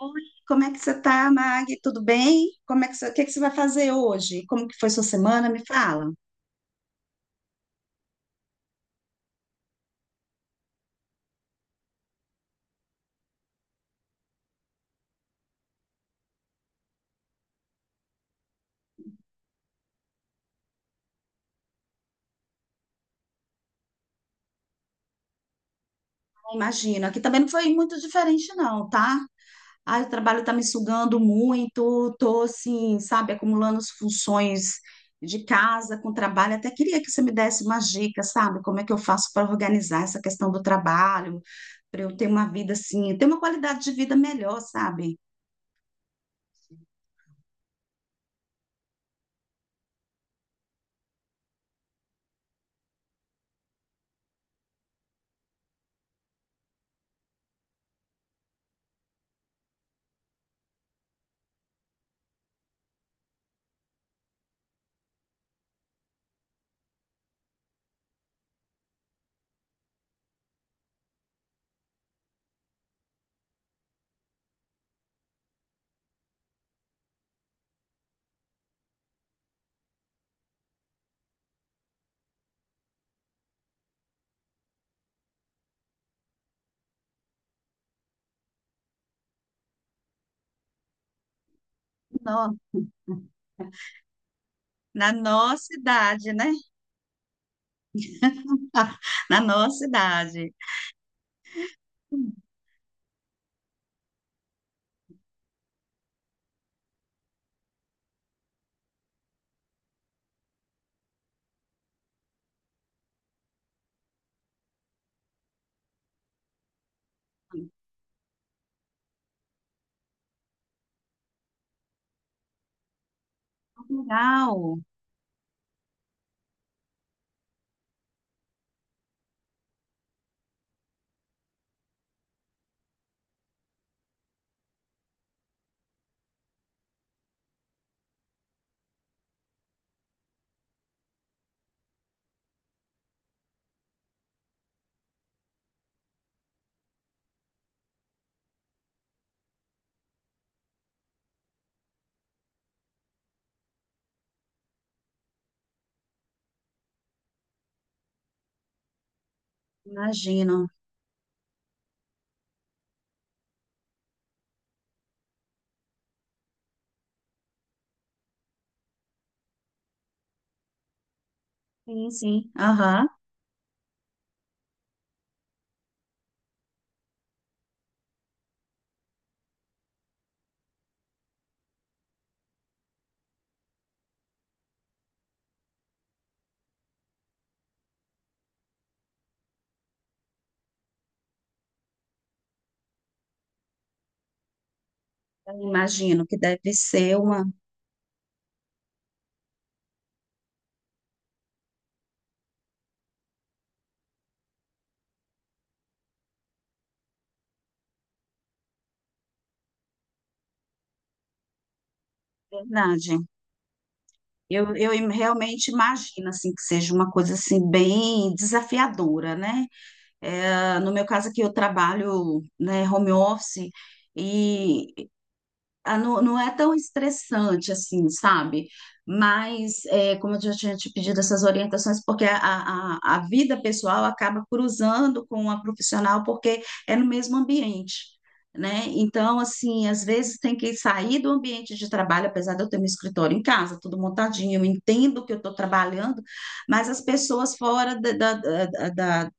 Oi, como é que você tá, Mag? Tudo bem? Como é que você, o que é que você vai fazer hoje? Como que foi sua semana? Me fala. Imagino, aqui também não foi muito diferente não, tá? Ah, o trabalho tá me sugando muito, tô assim, sabe, acumulando as funções de casa com trabalho. Até queria que você me desse uma dicas, sabe? Como é que eu faço para organizar essa questão do trabalho, para eu ter uma vida assim, ter uma qualidade de vida melhor, sabe? Não, na nossa idade, né? Na nossa idade. Legal, imagino. Sim, sim. Aham. Eu imagino que deve ser uma verdade. Realmente imagino assim que seja uma coisa assim bem desafiadora, né? É, no meu caso aqui eu trabalho, né, home office e ah, não, não é tão estressante assim, sabe? Mas, é, como eu já tinha te pedido essas orientações, porque a vida pessoal acaba cruzando com a profissional, porque é no mesmo ambiente, né? Então, assim, às vezes tem que sair do ambiente de trabalho, apesar de eu ter meu escritório em casa, tudo montadinho, eu entendo que eu estou trabalhando, mas as pessoas da,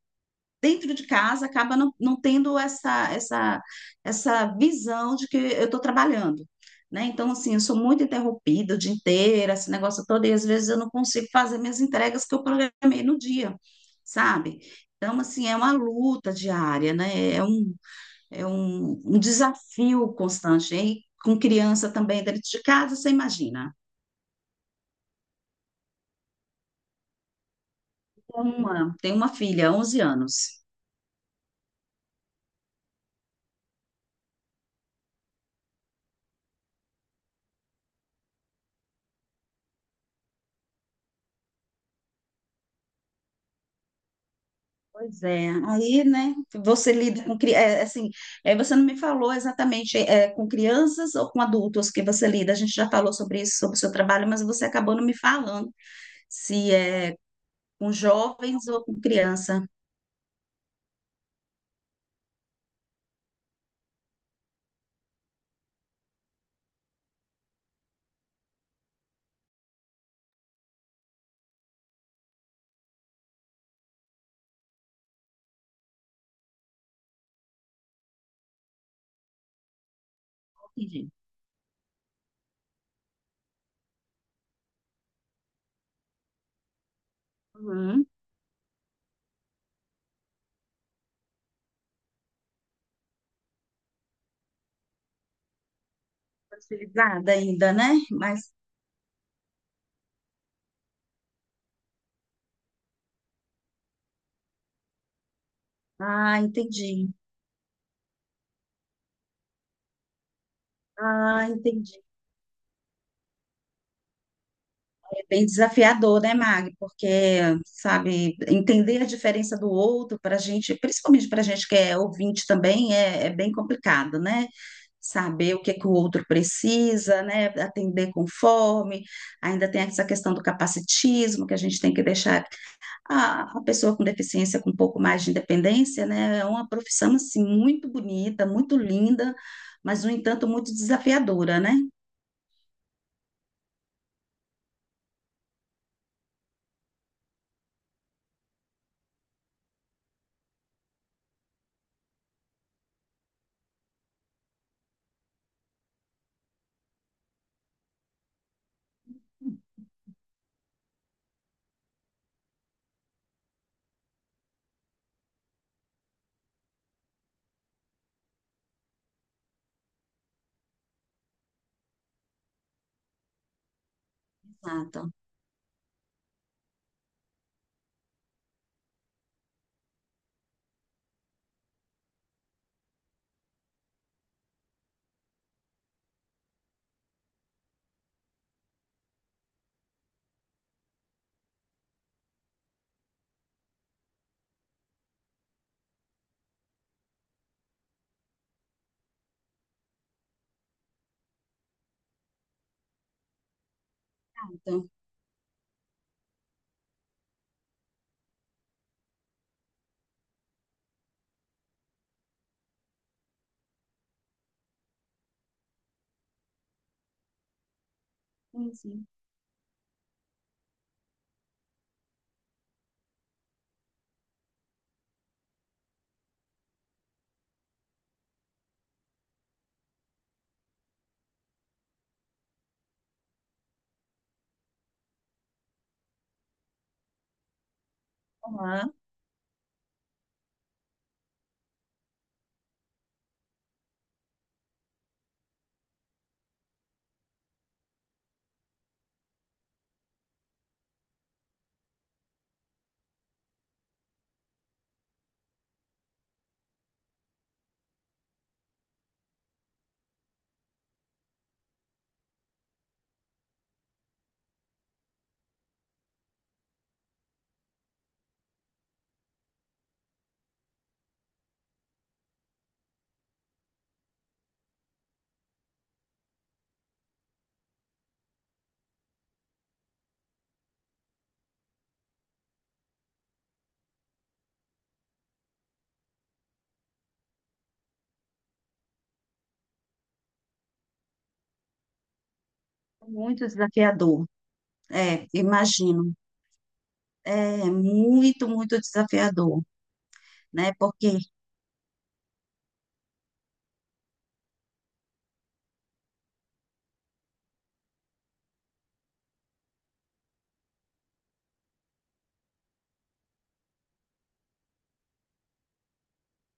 dentro de casa acaba não, não tendo essa visão de que eu estou trabalhando. Né? Então, assim, eu sou muito interrompida o dia inteiro, esse negócio todo, e às vezes eu não consigo fazer minhas entregas que eu programei no dia, sabe? Então, assim, é uma luta diária, né? Um desafio constante. E com criança também dentro de casa, você imagina. Uma, tem uma filha, 11 anos. Pois é, aí, né, você lida com, cri- é, assim, é, você não me falou exatamente é, com crianças ou com adultos que você lida, a gente já falou sobre isso, sobre o seu trabalho, mas você acabou não me falando se é com jovens ou com criança. Entendi. Uhum. Facilitada ainda, né? Mas, ah, entendi. Ah, entendi. Bem desafiador, né, Mag? Porque, sabe, entender a diferença do outro para a gente, principalmente para a gente que é ouvinte também, é, é bem complicado, né? Saber o que que o outro precisa, né? Atender conforme. Ainda tem essa questão do capacitismo, que a gente tem que deixar a pessoa com deficiência com um pouco mais de independência, né? É uma profissão, assim, muito bonita, muito linda, mas, no entanto, muito desafiadora, né? Exato. Exato. Sim, sim. Olá. Muito desafiador, é, imagino. É muito, muito desafiador, né? Porque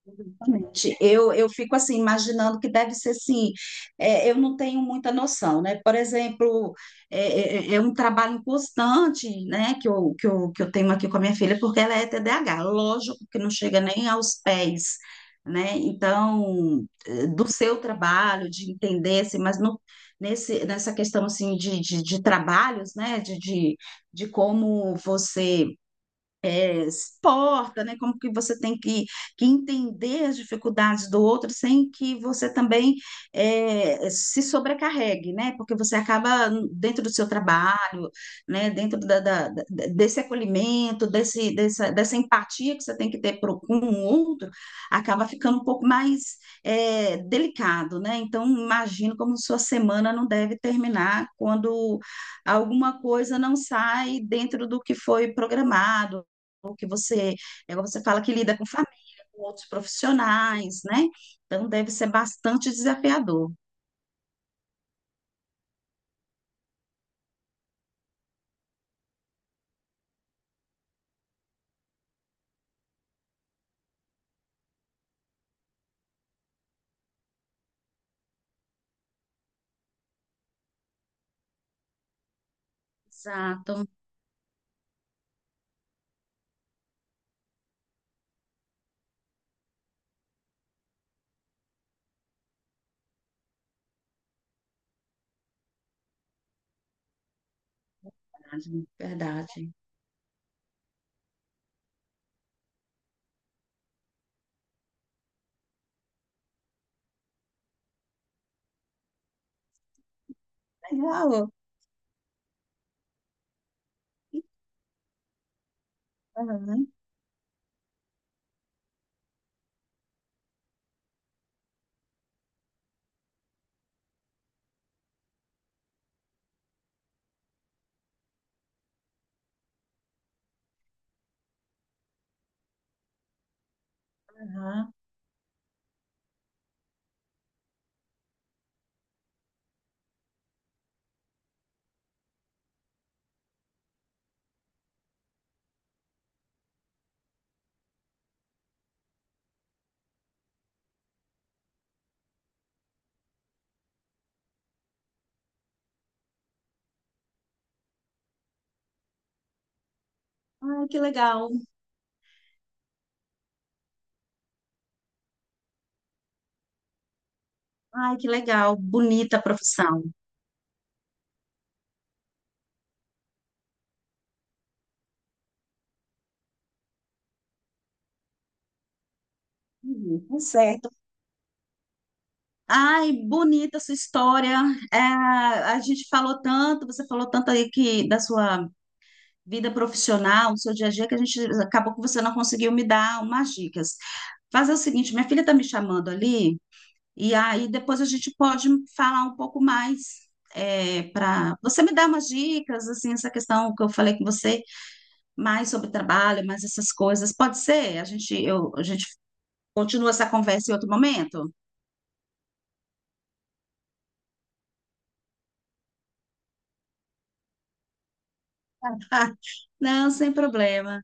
exatamente. Eu fico assim, imaginando que deve ser assim. É, eu não tenho muita noção, né? Por exemplo, é, é um trabalho constante, né? Que eu tenho aqui com a minha filha, porque ela é TDAH, lógico que não chega nem aos pés, né? Então, eh, do seu trabalho, de entender, assim, mas no, nesse, nessa questão assim de trabalhos, né? De como você é, se porta, né? Como que você tem que entender as dificuldades do outro sem que você também é, se sobrecarregue, né? Porque você acaba dentro do seu trabalho, né? Dentro da, da- da- desse acolhimento, dessa empatia que você tem que ter pro, com o outro, acaba ficando um pouco mais é, delicado, né? Então, imagino como sua semana não deve terminar quando alguma coisa não sai dentro do que foi programado, que você, é, você fala que lida com família, com outros profissionais, né? Então deve ser bastante desafiador. Exato, verdade. Verdade. Legal. Aham, aham. Ai, que legal. Ai, que legal. Bonita a profissão. Uhum, tá certo. Ai, bonita a sua história. É, a gente falou tanto, você falou tanto aí que da sua vida profissional, o seu dia a dia, que a gente acabou que você não conseguiu me dar umas dicas. Fazer o seguinte, minha filha está me chamando ali, e aí depois a gente pode falar um pouco mais. É, para você me dar umas dicas, assim, essa questão que eu falei com você, mais sobre trabalho, mais essas coisas, pode ser? A gente continua essa conversa em outro momento? Não, sem problema.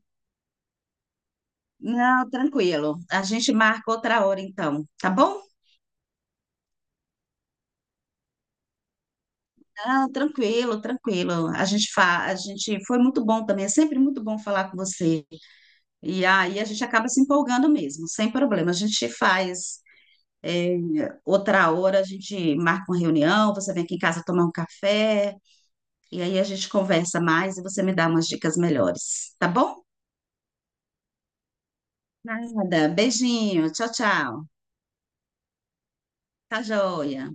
Não, tranquilo. A gente marca outra hora então, tá bom? Ah, tranquilo, tranquilo. A gente foi muito bom também, é sempre muito bom falar com você. E aí a gente acaba se empolgando mesmo, sem problema. A gente faz é, outra hora, a gente marca uma reunião, você vem aqui em casa tomar um café, e aí a gente conversa mais e você me dá umas dicas melhores, tá bom? Nada, beijinho, tchau, tchau. Tá joia.